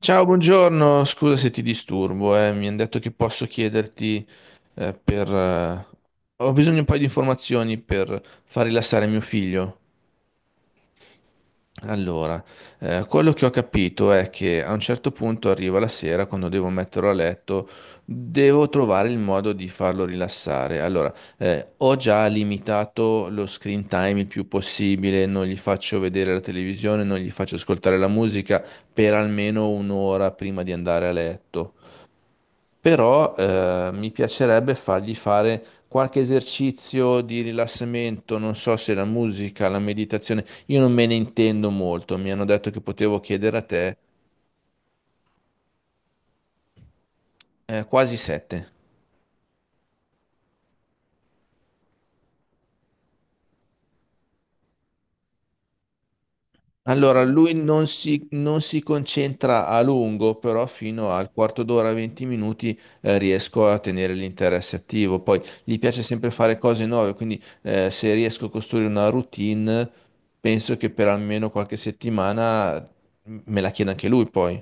Ciao, buongiorno, scusa se ti disturbo, mi hanno detto che posso chiederti eh, per... eh, Ho bisogno di un paio di informazioni per far rilassare mio figlio. Allora, quello che ho capito è che a un certo punto arriva la sera, quando devo metterlo a letto, devo trovare il modo di farlo rilassare. Allora, ho già limitato lo screen time il più possibile, non gli faccio vedere la televisione, non gli faccio ascoltare la musica per almeno un'ora prima di andare a letto, però mi piacerebbe fargli fare qualche esercizio di rilassamento, non so se la musica, la meditazione, io non me ne intendo molto, mi hanno detto che potevo chiedere a te. Quasi sette. Allora, lui non si concentra a lungo, però fino al quarto d'ora, 20 minuti, riesco a tenere l'interesse attivo. Poi gli piace sempre fare cose nuove, quindi se riesco a costruire una routine, penso che per almeno qualche settimana me la chieda anche lui poi.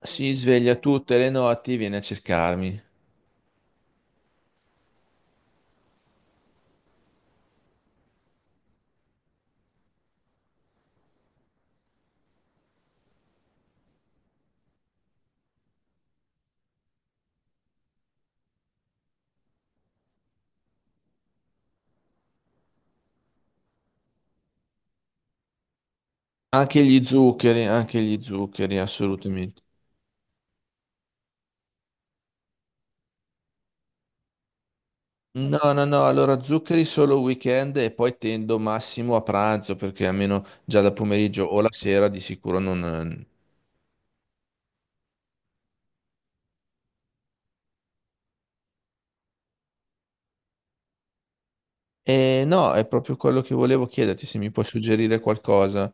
Si sveglia tutte le notti, viene a cercarmi. Anche gli zuccheri, assolutamente. No, no, no, allora zuccheri solo weekend e poi tendo massimo a pranzo perché almeno già da pomeriggio o la sera di sicuro non... E no, è proprio quello che volevo chiederti, se mi puoi suggerire qualcosa.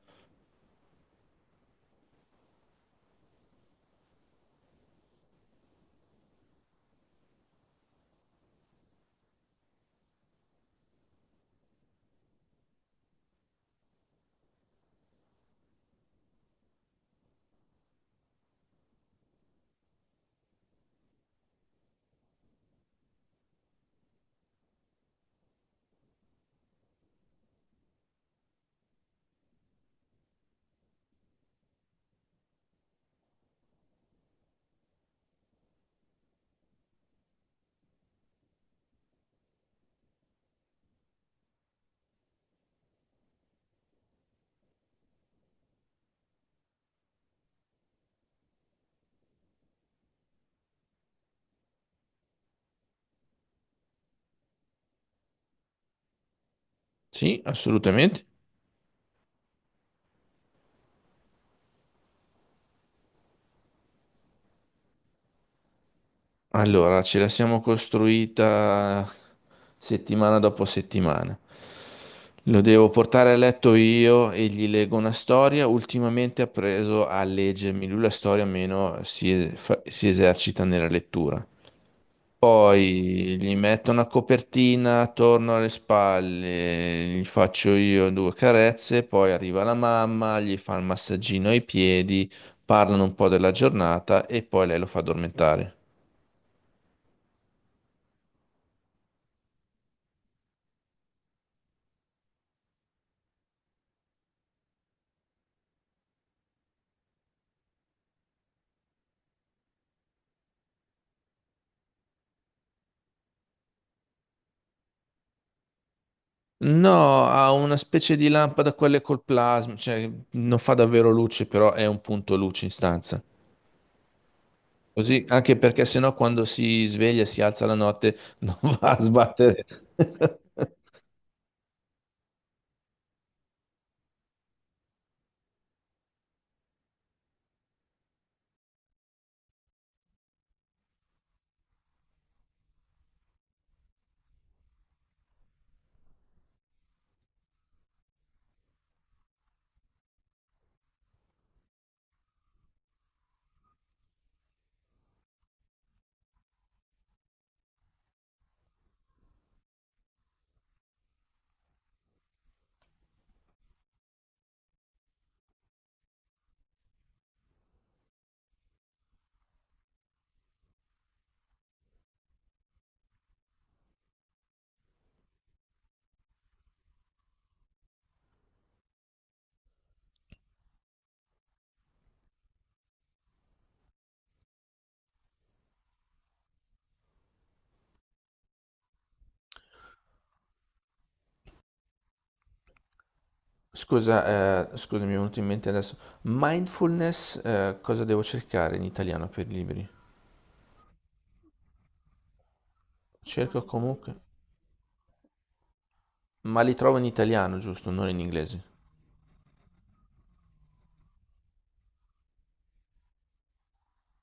Sì, assolutamente. Allora, ce la siamo costruita settimana dopo settimana. Lo devo portare a letto io e gli leggo una storia. Ultimamente ha preso a leggermi lui la storia, meno si esercita nella lettura. Poi gli metto una copertina attorno alle spalle, gli faccio io due carezze, poi arriva la mamma, gli fa il massaggino ai piedi, parlano un po' della giornata e poi lei lo fa addormentare. No, ha una specie di lampada, quelle col plasma, cioè non fa davvero luce, però è un punto luce in stanza. Così, anche perché sennò quando si sveglia, si alza la notte, non va a sbattere. Scusa, scusa, mi è venuto in mente adesso. Mindfulness, cosa devo cercare in italiano per i libri? Cerco comunque, ma li trovo in italiano, giusto? Non in inglese.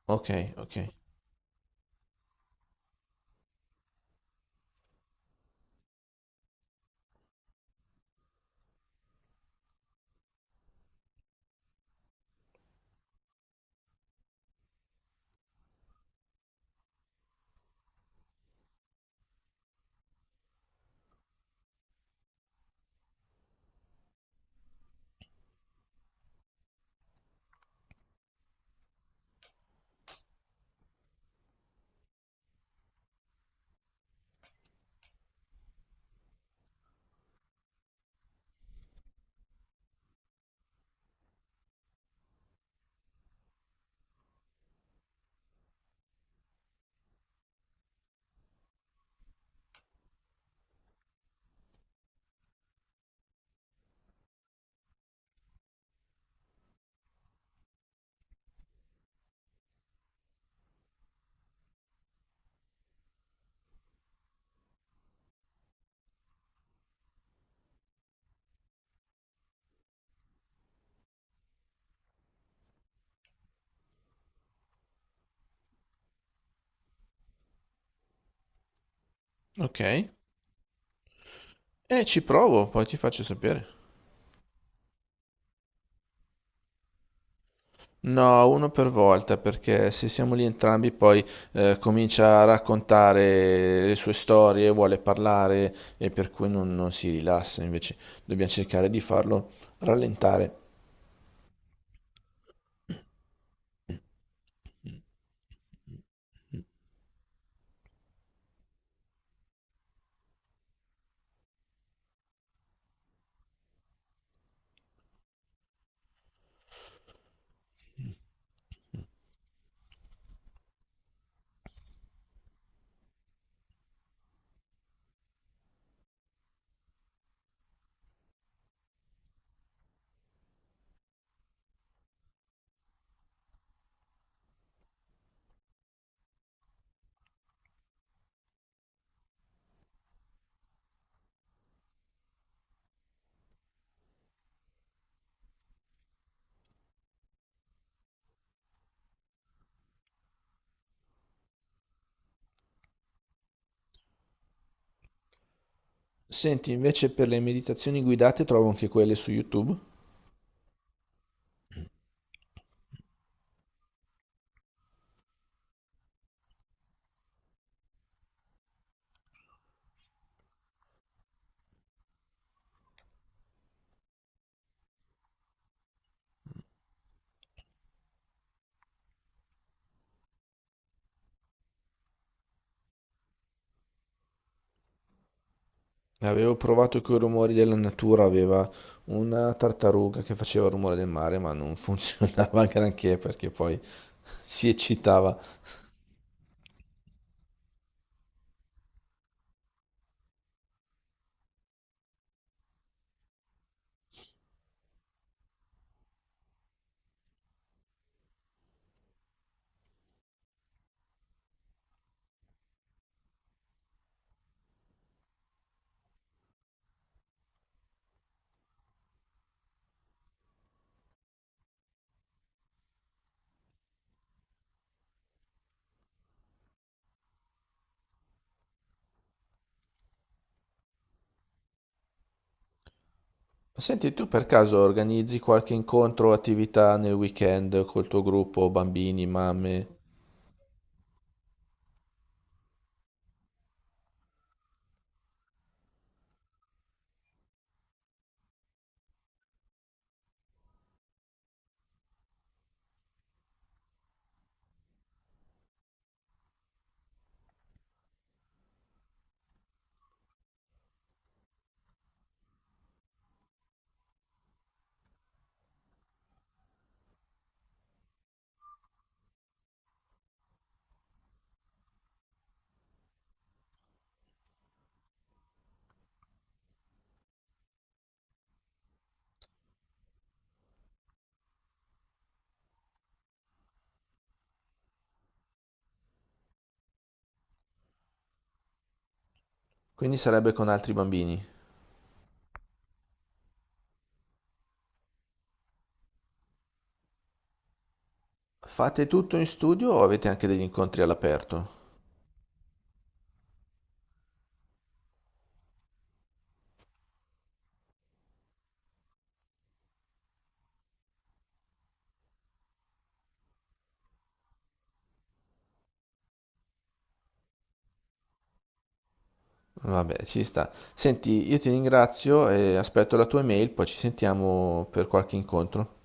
Ok, ok, ok. E ci provo, poi ti faccio sapere. No, uno per volta, perché se siamo lì entrambi, poi comincia a raccontare le sue storie, vuole parlare e per cui non si rilassa. Invece dobbiamo cercare di farlo rallentare. Senti, invece per le meditazioni guidate trovo anche quelle su YouTube. Avevo provato con i rumori della natura, aveva una tartaruga che faceva il rumore del mare, ma non funzionava granché perché poi si eccitava. Senti, tu per caso organizzi qualche incontro o attività nel weekend col tuo gruppo, bambini, mamme? Quindi sarebbe con altri bambini. Fate tutto in studio o avete anche degli incontri all'aperto? Vabbè, ci sta. Senti, io ti ringrazio e aspetto la tua email, poi ci sentiamo per qualche incontro.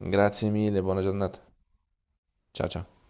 Grazie mille, buona giornata. Ciao ciao.